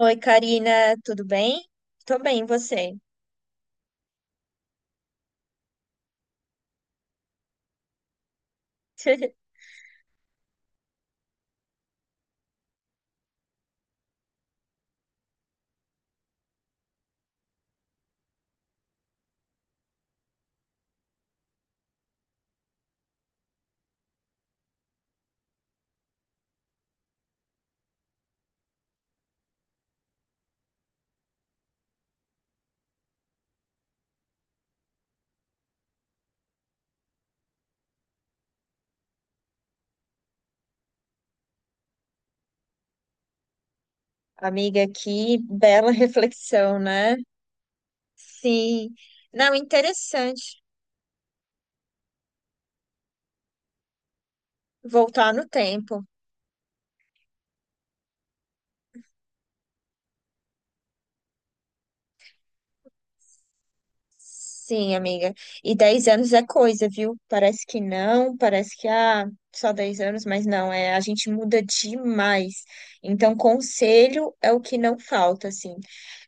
Oi, Karina, tudo bem? Tô bem, e você? Amiga, que bela reflexão, né? Sim. Não, interessante voltar no tempo. Sim, amiga. E 10 anos é coisa, viu? Parece que não, parece que só 10 anos, mas não, é, a gente muda demais. Então, conselho é o que não falta, assim.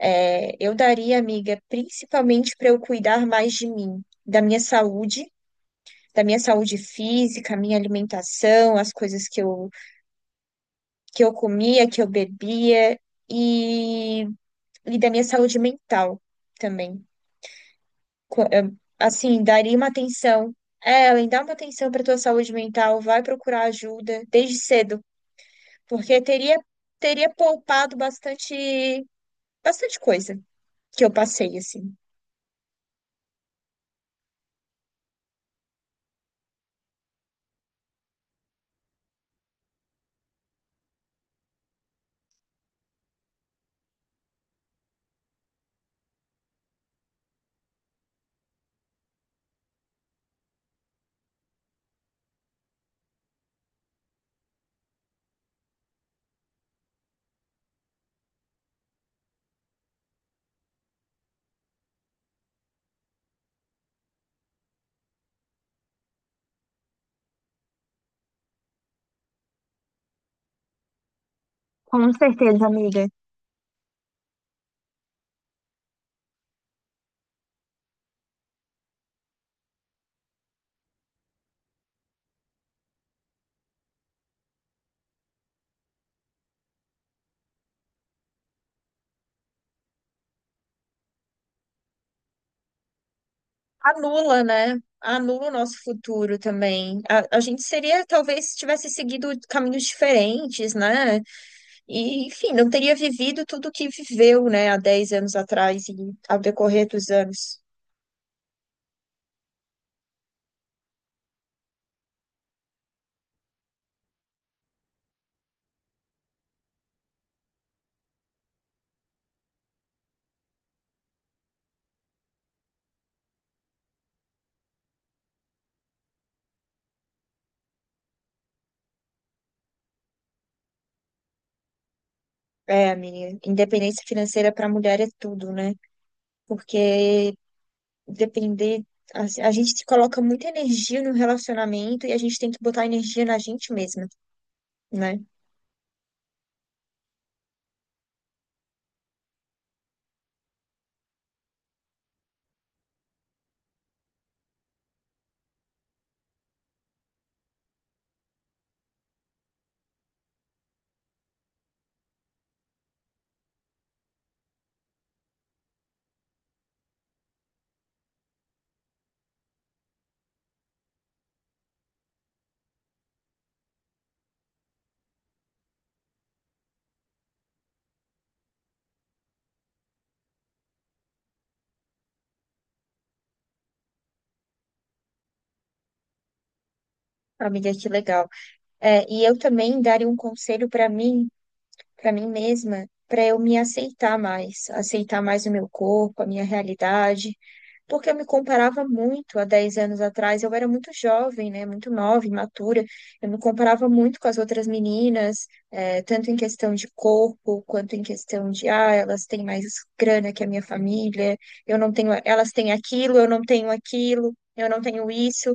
É, eu daria, amiga, principalmente para eu cuidar mais de mim, da minha saúde física, minha alimentação, as coisas que eu comia, que eu bebia e, e da minha saúde mental também. Co- eh, Assim, daria uma atenção. É, Ellen, dá uma atenção para tua saúde mental, vai procurar ajuda desde cedo, porque teria poupado bastante coisa que eu passei assim. Com certeza, amiga. Anula, né? Anula o nosso futuro também. A gente seria, talvez, se tivesse seguido caminhos diferentes, né? E, enfim, não teria vivido tudo o que viveu, né, há 10 anos atrás e ao decorrer dos anos. É, amiga, independência financeira para a mulher é tudo, né? Porque depender, a gente se coloca muita energia no relacionamento e a gente tem que botar energia na gente mesma, né? Amiga, que legal. É, e eu também daria um conselho para mim mesma, para eu me aceitar mais o meu corpo, a minha realidade, porque eu me comparava muito há 10 anos atrás, eu era muito jovem, né, muito nova, imatura, eu me comparava muito com as outras meninas, tanto em questão de corpo, quanto em questão de, ah, elas têm mais grana que a minha família, eu não tenho, elas têm aquilo, eu não tenho aquilo. Eu não tenho isso.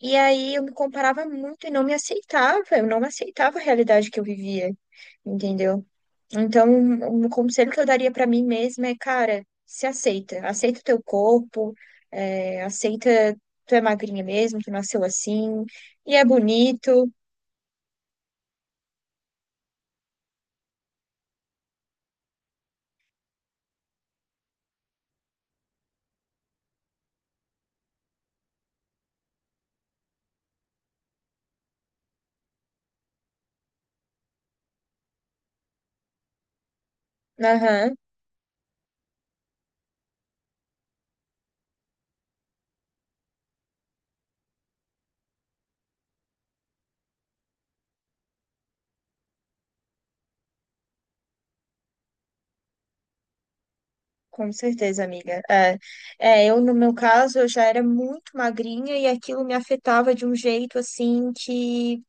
E aí eu me comparava muito e não me aceitava. Eu não aceitava a realidade que eu vivia, entendeu? Então, um conselho que eu daria pra mim mesma é, cara, se aceita. Aceita o teu corpo, aceita, tu é magrinha mesmo, tu nasceu assim, e é bonito. Aham, com certeza, amiga. Eu, no meu caso, eu já era muito magrinha e aquilo me afetava de um jeito assim que.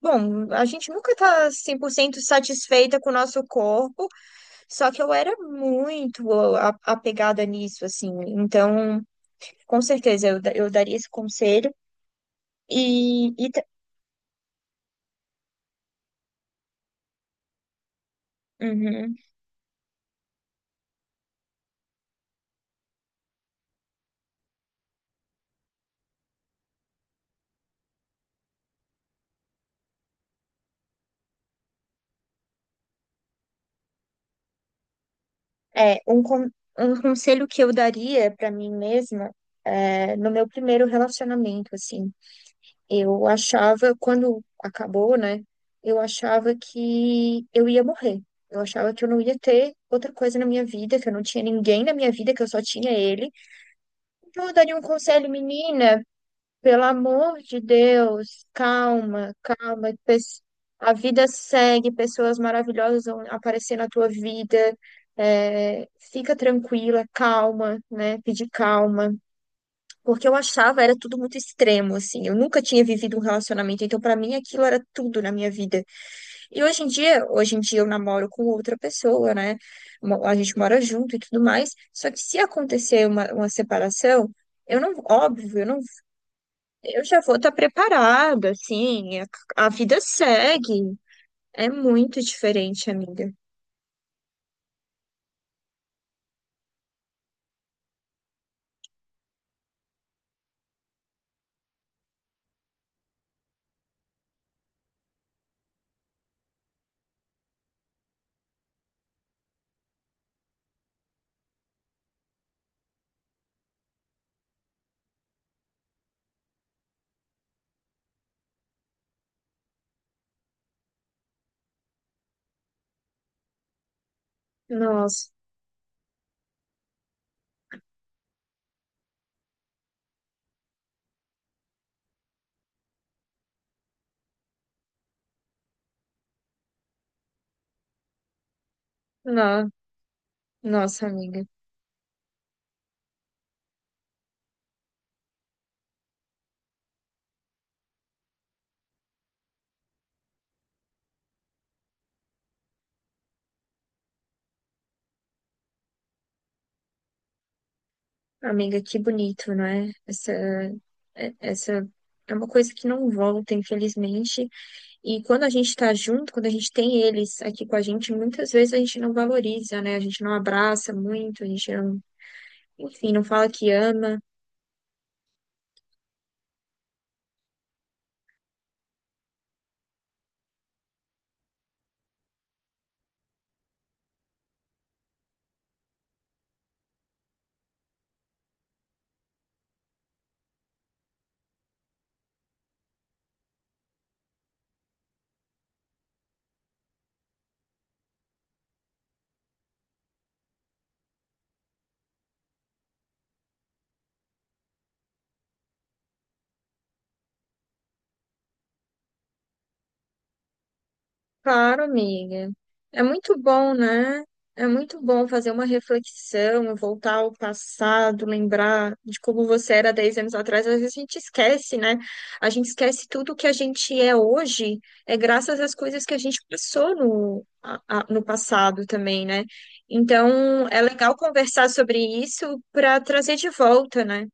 Bom, a gente nunca tá 100% satisfeita com o nosso corpo, só que eu era muito apegada nisso, assim. Então. Com certeza, eu daria esse conselho. E, e ta- uhum. É, um, con- um conselho que eu daria para mim mesma é, no meu primeiro relacionamento, assim. Eu achava, quando acabou, né? Eu achava que eu ia morrer. Eu achava que eu não ia ter outra coisa na minha vida, que eu não tinha ninguém na minha vida, que eu só tinha ele. Então, eu daria um conselho, menina. Pelo amor de Deus, calma, calma. A vida segue, pessoas maravilhosas vão aparecer na tua vida. É, fica tranquila, calma, né? Pedir calma. Porque eu achava era tudo muito extremo, assim. Eu nunca tinha vivido um relacionamento, então pra mim aquilo era tudo na minha vida. Hoje em dia eu namoro com outra pessoa, né? A gente mora junto e tudo mais. Só que se acontecer uma separação, eu não, eu já vou estar preparada, assim, a vida segue. É muito diferente, amiga. Nossa, no, nossa, amiga. Amiga, que bonito, não é? Essa é uma coisa que não volta, infelizmente. E quando a gente está junto, quando a gente tem eles aqui com a gente, muitas vezes a gente não valoriza, né? A gente não abraça muito, a gente não, enfim, não fala que ama. Claro, amiga. É muito bom, né? É muito bom fazer uma reflexão, voltar ao passado, lembrar de como você era 10 anos atrás. Às vezes a gente esquece, né? A gente esquece tudo que a gente é hoje, é graças às coisas que a gente passou no passado também, né? Então, é legal conversar sobre isso para trazer de volta, né?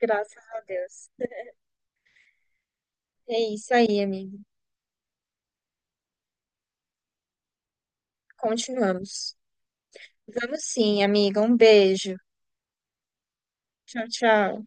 Graças a Deus. É isso aí, amiga. Continuamos. Vamos sim, amiga. Um beijo. Tchau, tchau.